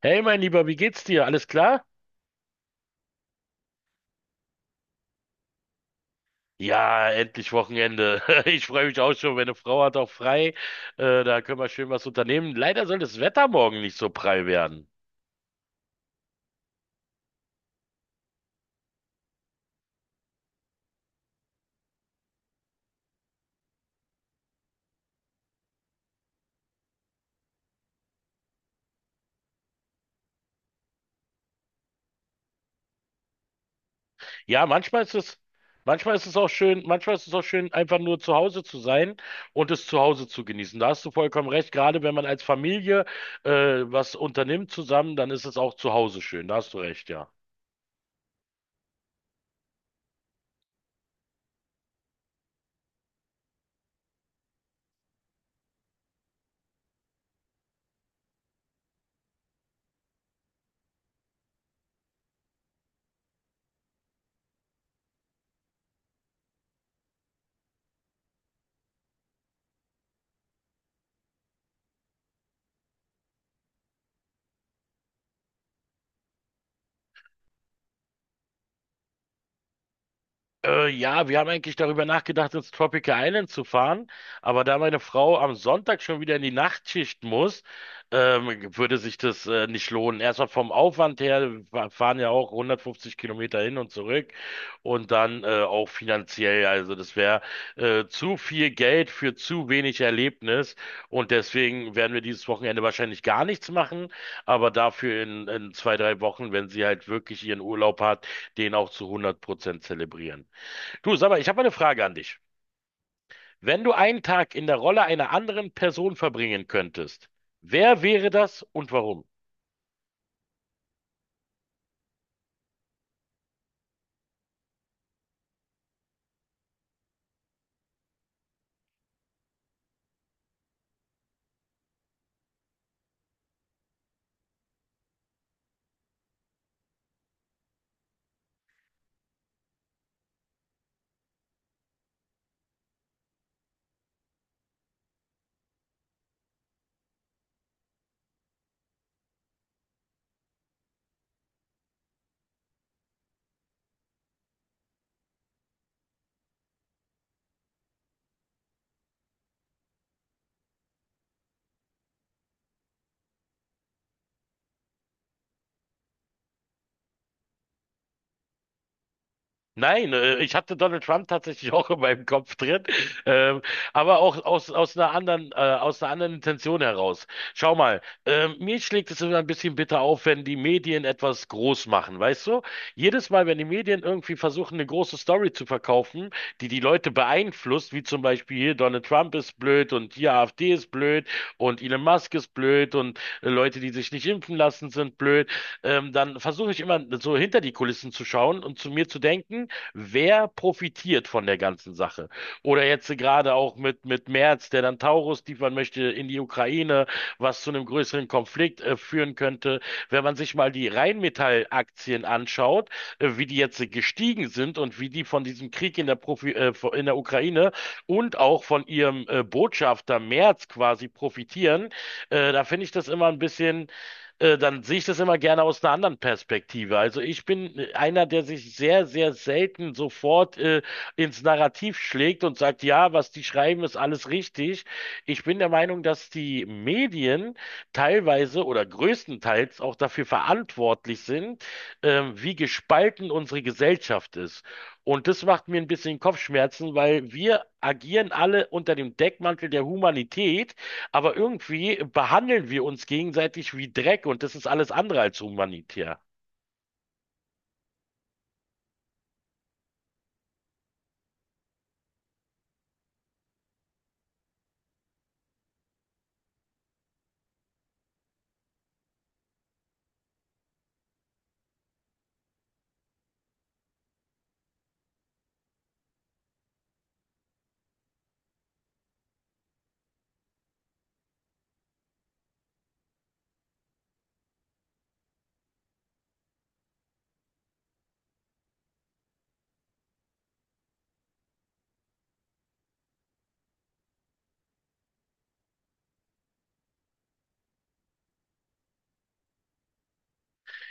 Hey, mein Lieber, wie geht's dir? Alles klar? Ja, endlich Wochenende. Ich freue mich auch schon. Meine Frau hat auch frei. Da können wir schön was unternehmen. Leider soll das Wetter morgen nicht so prall werden. Ja, manchmal ist es, manchmal ist es auch schön, einfach nur zu Hause zu sein und es zu Hause zu genießen. Da hast du vollkommen recht. Gerade wenn man als Familie was unternimmt zusammen, dann ist es auch zu Hause schön. Da hast du recht, ja. Ja, wir haben eigentlich darüber nachgedacht, ins Tropical Island zu fahren, aber da meine Frau am Sonntag schon wieder in die Nachtschicht muss, würde sich das nicht lohnen. Erstmal vom Aufwand her, wir fahren ja auch 150 Kilometer hin und zurück und dann auch finanziell. Also das wäre zu viel Geld für zu wenig Erlebnis und deswegen werden wir dieses Wochenende wahrscheinlich gar nichts machen, aber dafür in zwei, drei Wochen, wenn sie halt wirklich ihren Urlaub hat, den auch zu 100% zelebrieren. Du, sag mal, ich habe eine Frage an dich. Wenn du einen Tag in der Rolle einer anderen Person verbringen könntest, wer wäre das und warum? Nein, ich hatte Donald Trump tatsächlich auch in meinem Kopf drin, ähm, aber auch aus einer aus einer anderen Intention heraus. Schau mal, mir schlägt es immer ein bisschen bitter auf, wenn die Medien etwas groß machen, weißt du? Jedes Mal, wenn die Medien irgendwie versuchen, eine große Story zu verkaufen, die die Leute beeinflusst, wie zum Beispiel hier Donald Trump ist blöd und hier AfD ist blöd und Elon Musk ist blöd und Leute, die sich nicht impfen lassen, sind blöd. Dann versuche ich immer so hinter die Kulissen zu schauen und zu mir zu denken: Wer profitiert von der ganzen Sache? Oder jetzt gerade auch mit Merz, der dann Taurus liefern möchte in die Ukraine, was zu einem größeren Konflikt führen könnte. Wenn man sich mal die Rheinmetall-Aktien anschaut, wie die jetzt gestiegen sind und wie die von diesem Krieg in der, Profi in der Ukraine und auch von ihrem Botschafter Merz quasi profitieren, da finde ich das immer ein bisschen dann sehe ich das immer gerne aus einer anderen Perspektive. Also ich bin einer, der sich sehr, sehr selten sofort ins Narrativ schlägt und sagt, ja, was die schreiben, ist alles richtig. Ich bin der Meinung, dass die Medien teilweise oder größtenteils auch dafür verantwortlich sind, wie gespalten unsere Gesellschaft ist. Und das macht mir ein bisschen Kopfschmerzen, weil wir agieren alle unter dem Deckmantel der Humanität, aber irgendwie behandeln wir uns gegenseitig wie Dreck und das ist alles andere als humanitär.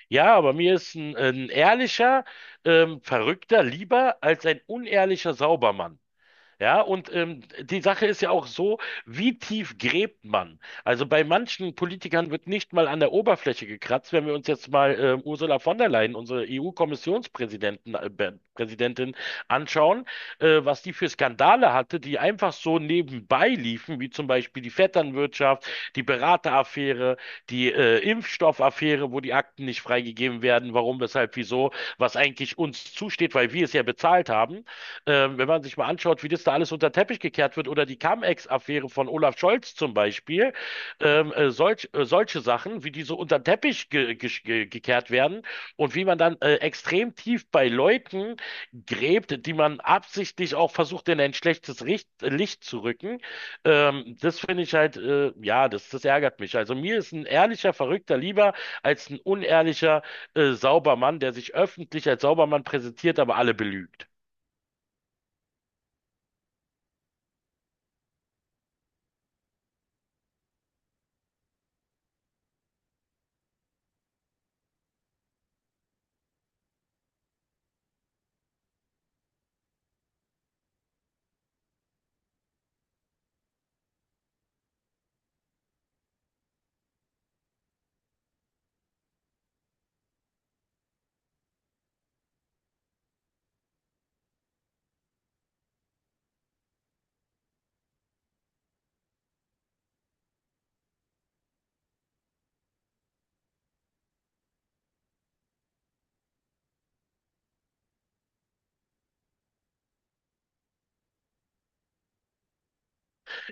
Ja, aber mir ist ein ehrlicher, Verrückter lieber als ein unehrlicher Saubermann. Ja, und die Sache ist ja auch so, wie tief gräbt man? Also bei manchen Politikern wird nicht mal an der Oberfläche gekratzt. Wenn wir uns jetzt mal Ursula von der Leyen, unsere EU-Kommissionspräsidentin Präsidentin, anschauen, was die für Skandale hatte, die einfach so nebenbei liefen, wie zum Beispiel die Vetternwirtschaft, die Berateraffäre, die Impfstoffaffäre, wo die Akten nicht freigegeben werden, warum, weshalb, wieso, was eigentlich uns zusteht, weil wir es ja bezahlt haben. Wenn man sich mal anschaut, wie das da alles unter den Teppich gekehrt wird oder die Cum-Ex-Affäre von Olaf Scholz zum Beispiel, solche Sachen, wie die so unter den Teppich ge ge ge gekehrt werden und wie man dann extrem tief bei Leuten gräbt, die man absichtlich auch versucht, in ein schlechtes Richt Licht zu rücken. Das finde ich halt, das ärgert mich. Also mir ist ein ehrlicher Verrückter lieber als ein unehrlicher Saubermann, der sich öffentlich als Saubermann präsentiert, aber alle belügt.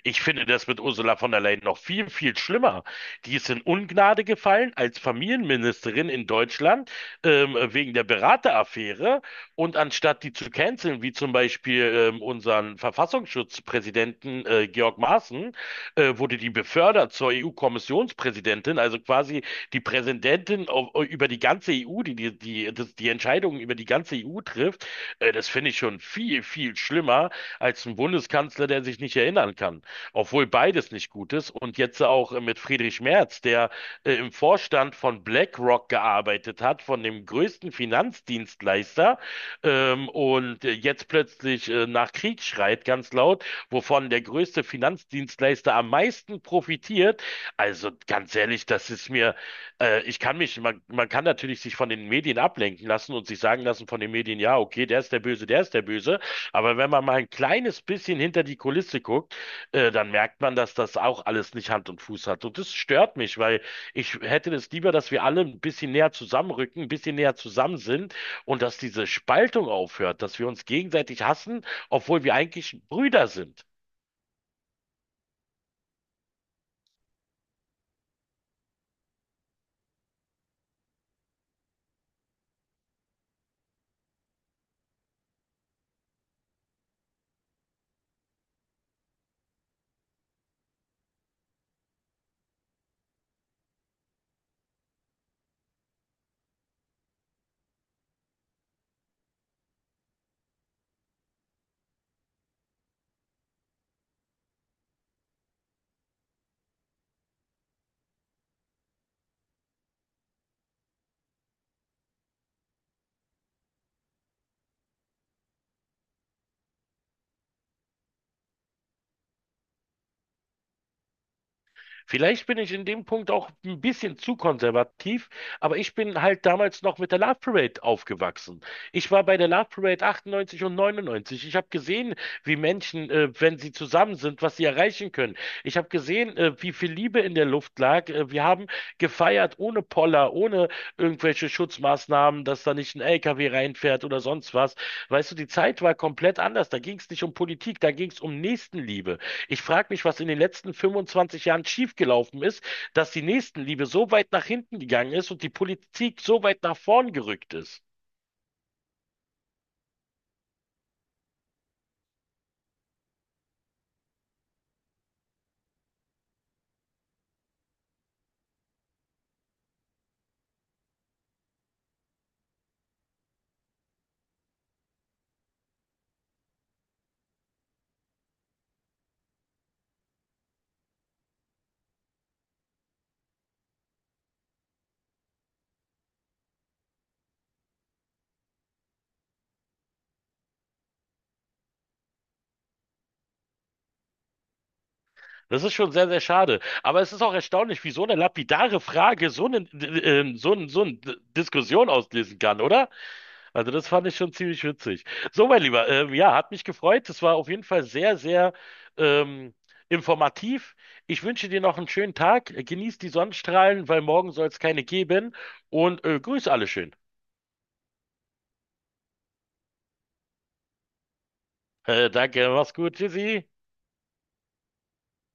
Ich finde das mit Ursula von der Leyen noch viel, viel schlimmer. Die ist in Ungnade gefallen als Familienministerin in Deutschland wegen der Berateraffäre. Und anstatt die zu canceln, wie zum Beispiel unseren Verfassungsschutzpräsidenten Georg Maaßen, wurde die befördert zur EU-Kommissionspräsidentin, also quasi die Präsidentin über die ganze EU, die die Entscheidungen über die ganze EU trifft. Das finde ich schon viel, viel schlimmer als ein Bundeskanzler, der sich nicht erinnern kann, obwohl beides nicht gut ist. Und jetzt auch mit Friedrich Merz, der im Vorstand von BlackRock gearbeitet hat, von dem größten Finanzdienstleister, und jetzt plötzlich nach Krieg schreit ganz laut, wovon der größte Finanzdienstleister am meisten profitiert. Also ganz ehrlich, das ist mir, ich kann man kann natürlich sich von den Medien ablenken lassen und sich sagen lassen von den Medien, ja, okay, der ist der Böse, der ist der Böse. Aber wenn man mal ein kleines bisschen hinter die Kulisse guckt, dann merkt man, dass das auch alles nicht Hand und Fuß hat. Und das stört mich, weil ich hätte es lieber, dass wir alle ein bisschen näher zusammenrücken, ein bisschen näher zusammen sind und dass diese Spaltung aufhört, dass wir uns gegenseitig hassen, obwohl wir eigentlich Brüder sind. Vielleicht bin ich in dem Punkt auch ein bisschen zu konservativ, aber ich bin halt damals noch mit der Love Parade aufgewachsen. Ich war bei der Love Parade 98 und 99. Ich habe gesehen, wie Menschen, wenn sie zusammen sind, was sie erreichen können. Ich habe gesehen, wie viel Liebe in der Luft lag. Wir haben gefeiert ohne Poller, ohne irgendwelche Schutzmaßnahmen, dass da nicht ein LKW reinfährt oder sonst was. Weißt du, die Zeit war komplett anders. Da ging es nicht um Politik, da ging es um Nächstenliebe. Ich frage mich, was in den letzten 25 Jahren schiefgelaufen ist, dass die Nächstenliebe so weit nach hinten gegangen ist und die Politik so weit nach vorn gerückt ist. Das ist schon sehr, sehr schade. Aber es ist auch erstaunlich, wie so eine lapidare Frage so eine Diskussion auslösen kann, oder? Also das fand ich schon ziemlich witzig. So, mein Lieber, ja, hat mich gefreut. Es war auf jeden Fall sehr, sehr ähm, informativ. Ich wünsche dir noch einen schönen Tag. Genieß die Sonnenstrahlen, weil morgen soll es keine geben. Und grüß alle schön. Danke, mach's gut. Tschüssi.